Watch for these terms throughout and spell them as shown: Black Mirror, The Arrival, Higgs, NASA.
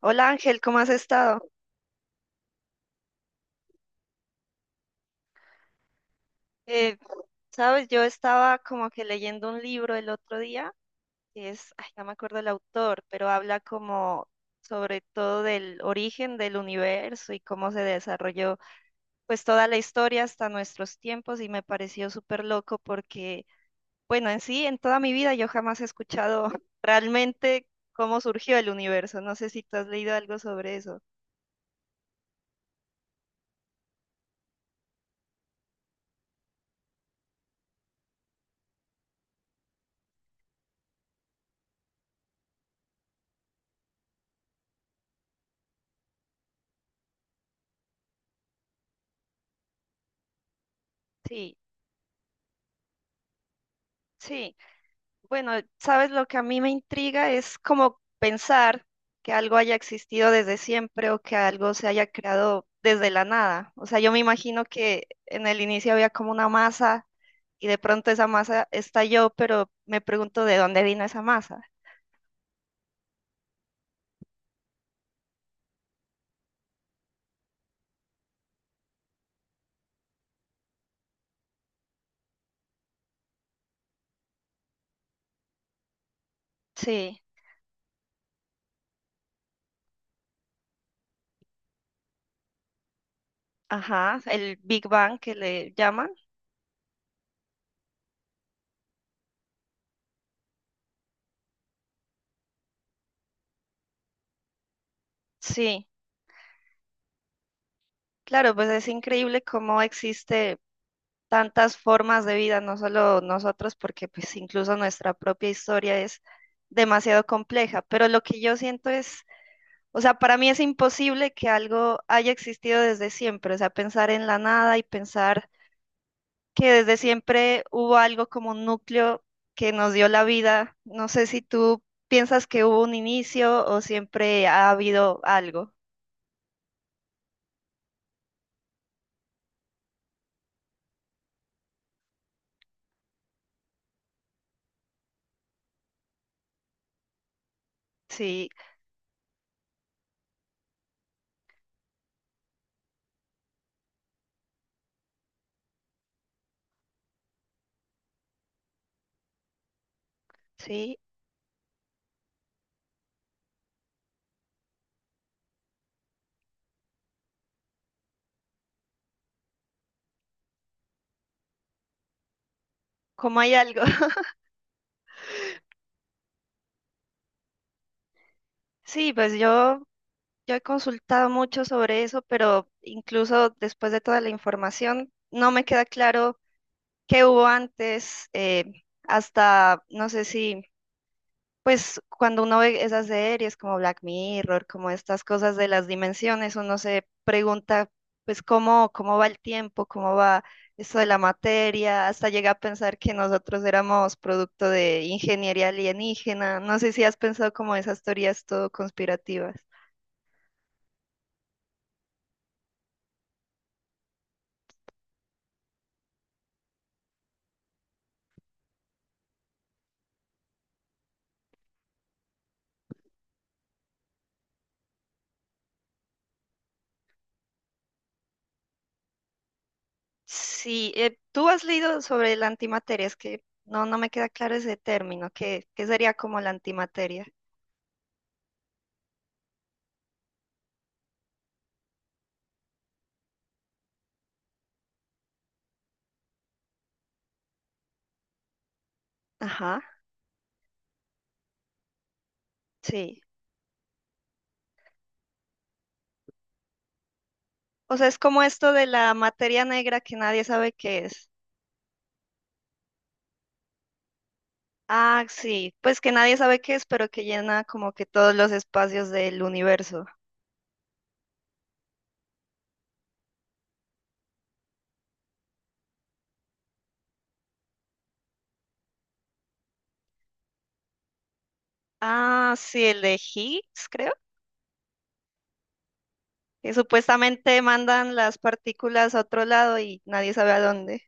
Hola Ángel, ¿cómo has estado? Eh, sabes, yo estaba como que leyendo un libro el otro día, que es, ay, no me acuerdo el autor, pero habla como sobre todo del origen del universo y cómo se desarrolló pues toda la historia hasta nuestros tiempos y me pareció súper loco porque, bueno, en sí, en toda mi vida yo jamás he escuchado realmente cómo surgió el universo. No sé si tú has leído algo sobre eso. Sí, sí. Bueno, sabes, lo que a mí me intriga es como pensar que algo haya existido desde siempre o que algo se haya creado desde la nada. O sea, yo me imagino que en el inicio había como una masa y de pronto esa masa estalló, pero me pregunto de dónde vino esa masa. Sí, ajá, el Big Bang que le llaman. Sí, claro, pues es increíble cómo existe tantas formas de vida, no solo nosotros, porque pues incluso nuestra propia historia es demasiado compleja, pero lo que yo siento es, o sea, para mí es imposible que algo haya existido desde siempre, o sea, pensar en la nada y pensar que desde siempre hubo algo como un núcleo que nos dio la vida, no sé si tú piensas que hubo un inicio o siempre ha habido algo. Sí, sí, como hay algo. Sí, pues yo he consultado mucho sobre eso, pero incluso después de toda la información, no me queda claro qué hubo antes, hasta, no sé si, pues cuando uno ve esas series como Black Mirror, como estas cosas de las dimensiones, uno se pregunta, pues cómo, cómo va el tiempo, cómo va esto de la materia, hasta llega a pensar que nosotros éramos producto de ingeniería alienígena. No sé si has pensado como esas teorías todo conspirativas. Sí, tú has leído sobre la antimateria, es que no me queda claro ese término, ¿qué, qué sería como la antimateria? Ajá, sí. O sea, es como esto de la materia negra que nadie sabe qué es. Ah, sí, pues que nadie sabe qué es, pero que llena como que todos los espacios del universo. Ah, sí, el de Higgs, creo, que supuestamente mandan las partículas a otro lado y nadie sabe a dónde.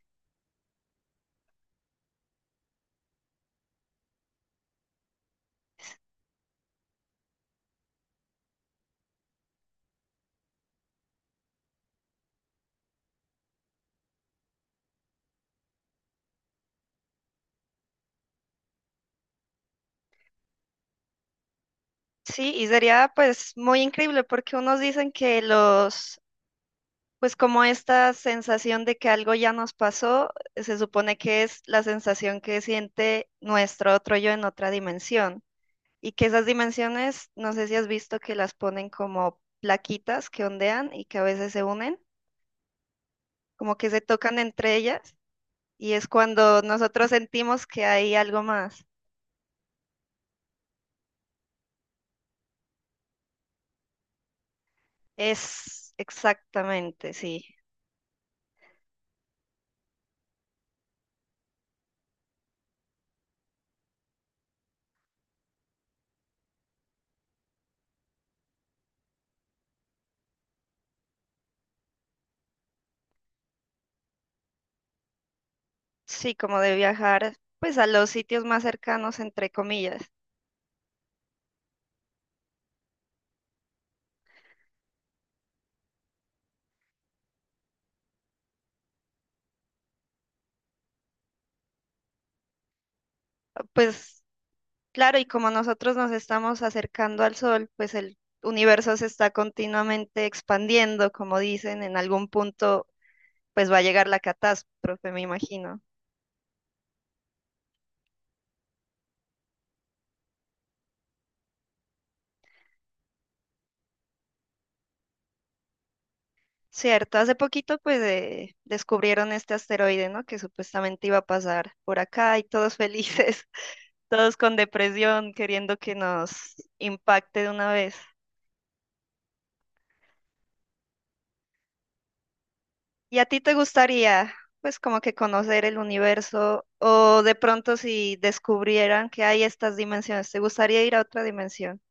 Sí, y sería pues muy increíble porque unos dicen que los, pues como esta sensación de que algo ya nos pasó, se supone que es la sensación que siente nuestro otro yo en otra dimensión. Y que esas dimensiones, no sé si has visto que las ponen como plaquitas que ondean y que a veces se unen, como que se tocan entre ellas y es cuando nosotros sentimos que hay algo más. Es exactamente, sí. Sí, como de viajar, pues a los sitios más cercanos, entre comillas. Pues claro, y como nosotros nos estamos acercando al sol, pues el universo se está continuamente expandiendo, como dicen, en algún punto pues va a llegar la catástrofe, me imagino. Cierto, hace poquito pues descubrieron este asteroide, ¿no? Que supuestamente iba a pasar por acá y todos felices, todos con depresión, queriendo que nos impacte de una vez. ¿Y a ti te gustaría, pues, como que conocer el universo o de pronto si descubrieran que hay estas dimensiones, te gustaría ir a otra dimensión?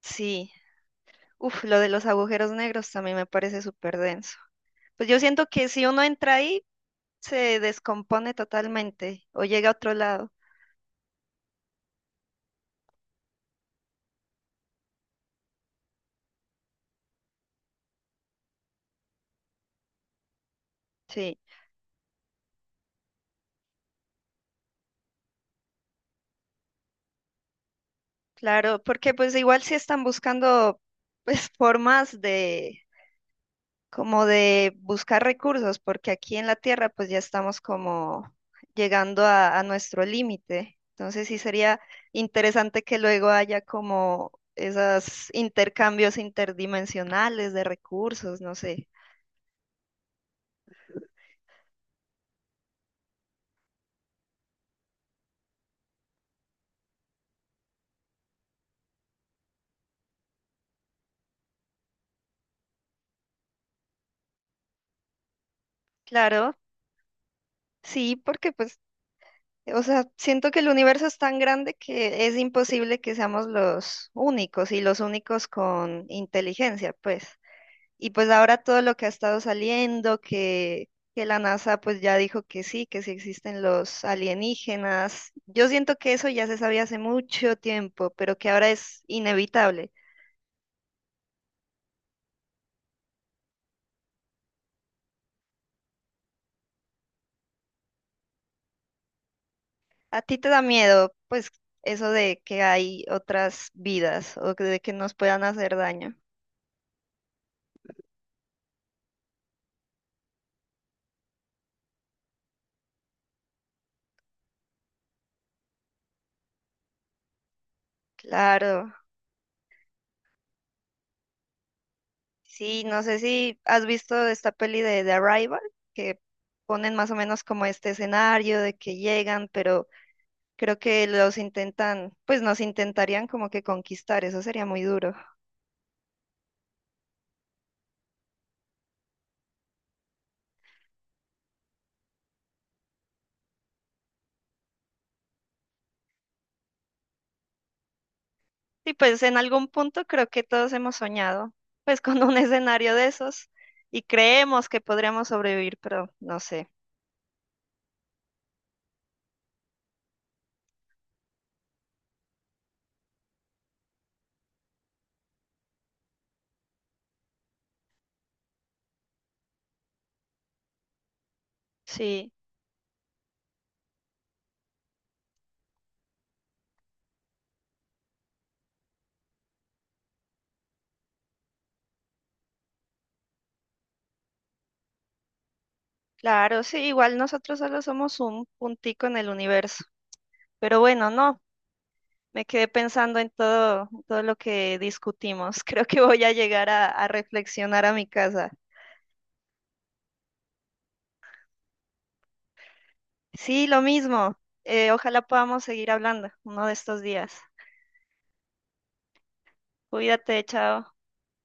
Sí. Uf, lo de los agujeros negros también me parece súper denso. Pues yo siento que si uno entra ahí, se descompone totalmente o llega a otro lado. Sí, claro, porque pues igual si están buscando pues formas de como de buscar recursos, porque aquí en la Tierra pues ya estamos como llegando a nuestro límite. Entonces sí sería interesante que luego haya como esos intercambios interdimensionales de recursos, no sé. Claro, sí, porque pues, o sea, siento que el universo es tan grande que es imposible que seamos los únicos y los únicos con inteligencia, pues. Y pues ahora todo lo que ha estado saliendo, que la NASA pues ya dijo que sí existen los alienígenas. Yo siento que eso ya se sabía hace mucho tiempo, pero que ahora es inevitable. ¿A ti te da miedo pues eso de que hay otras vidas o que de que nos puedan hacer daño? Claro. Sí, no sé si has visto esta peli de The Arrival, que ponen más o menos como este escenario de que llegan, pero creo que los intentan, pues nos intentarían como que conquistar, eso sería muy duro. Y pues en algún punto creo que todos hemos soñado, pues con un escenario de esos y creemos que podríamos sobrevivir, pero no sé. Sí, claro, sí, igual nosotros solo somos un puntico en el universo. Pero bueno, no, me quedé pensando en todo lo que discutimos. Creo que voy a llegar a reflexionar a mi casa. Sí, lo mismo. Ojalá podamos seguir hablando uno de estos días. Cuídate, chao.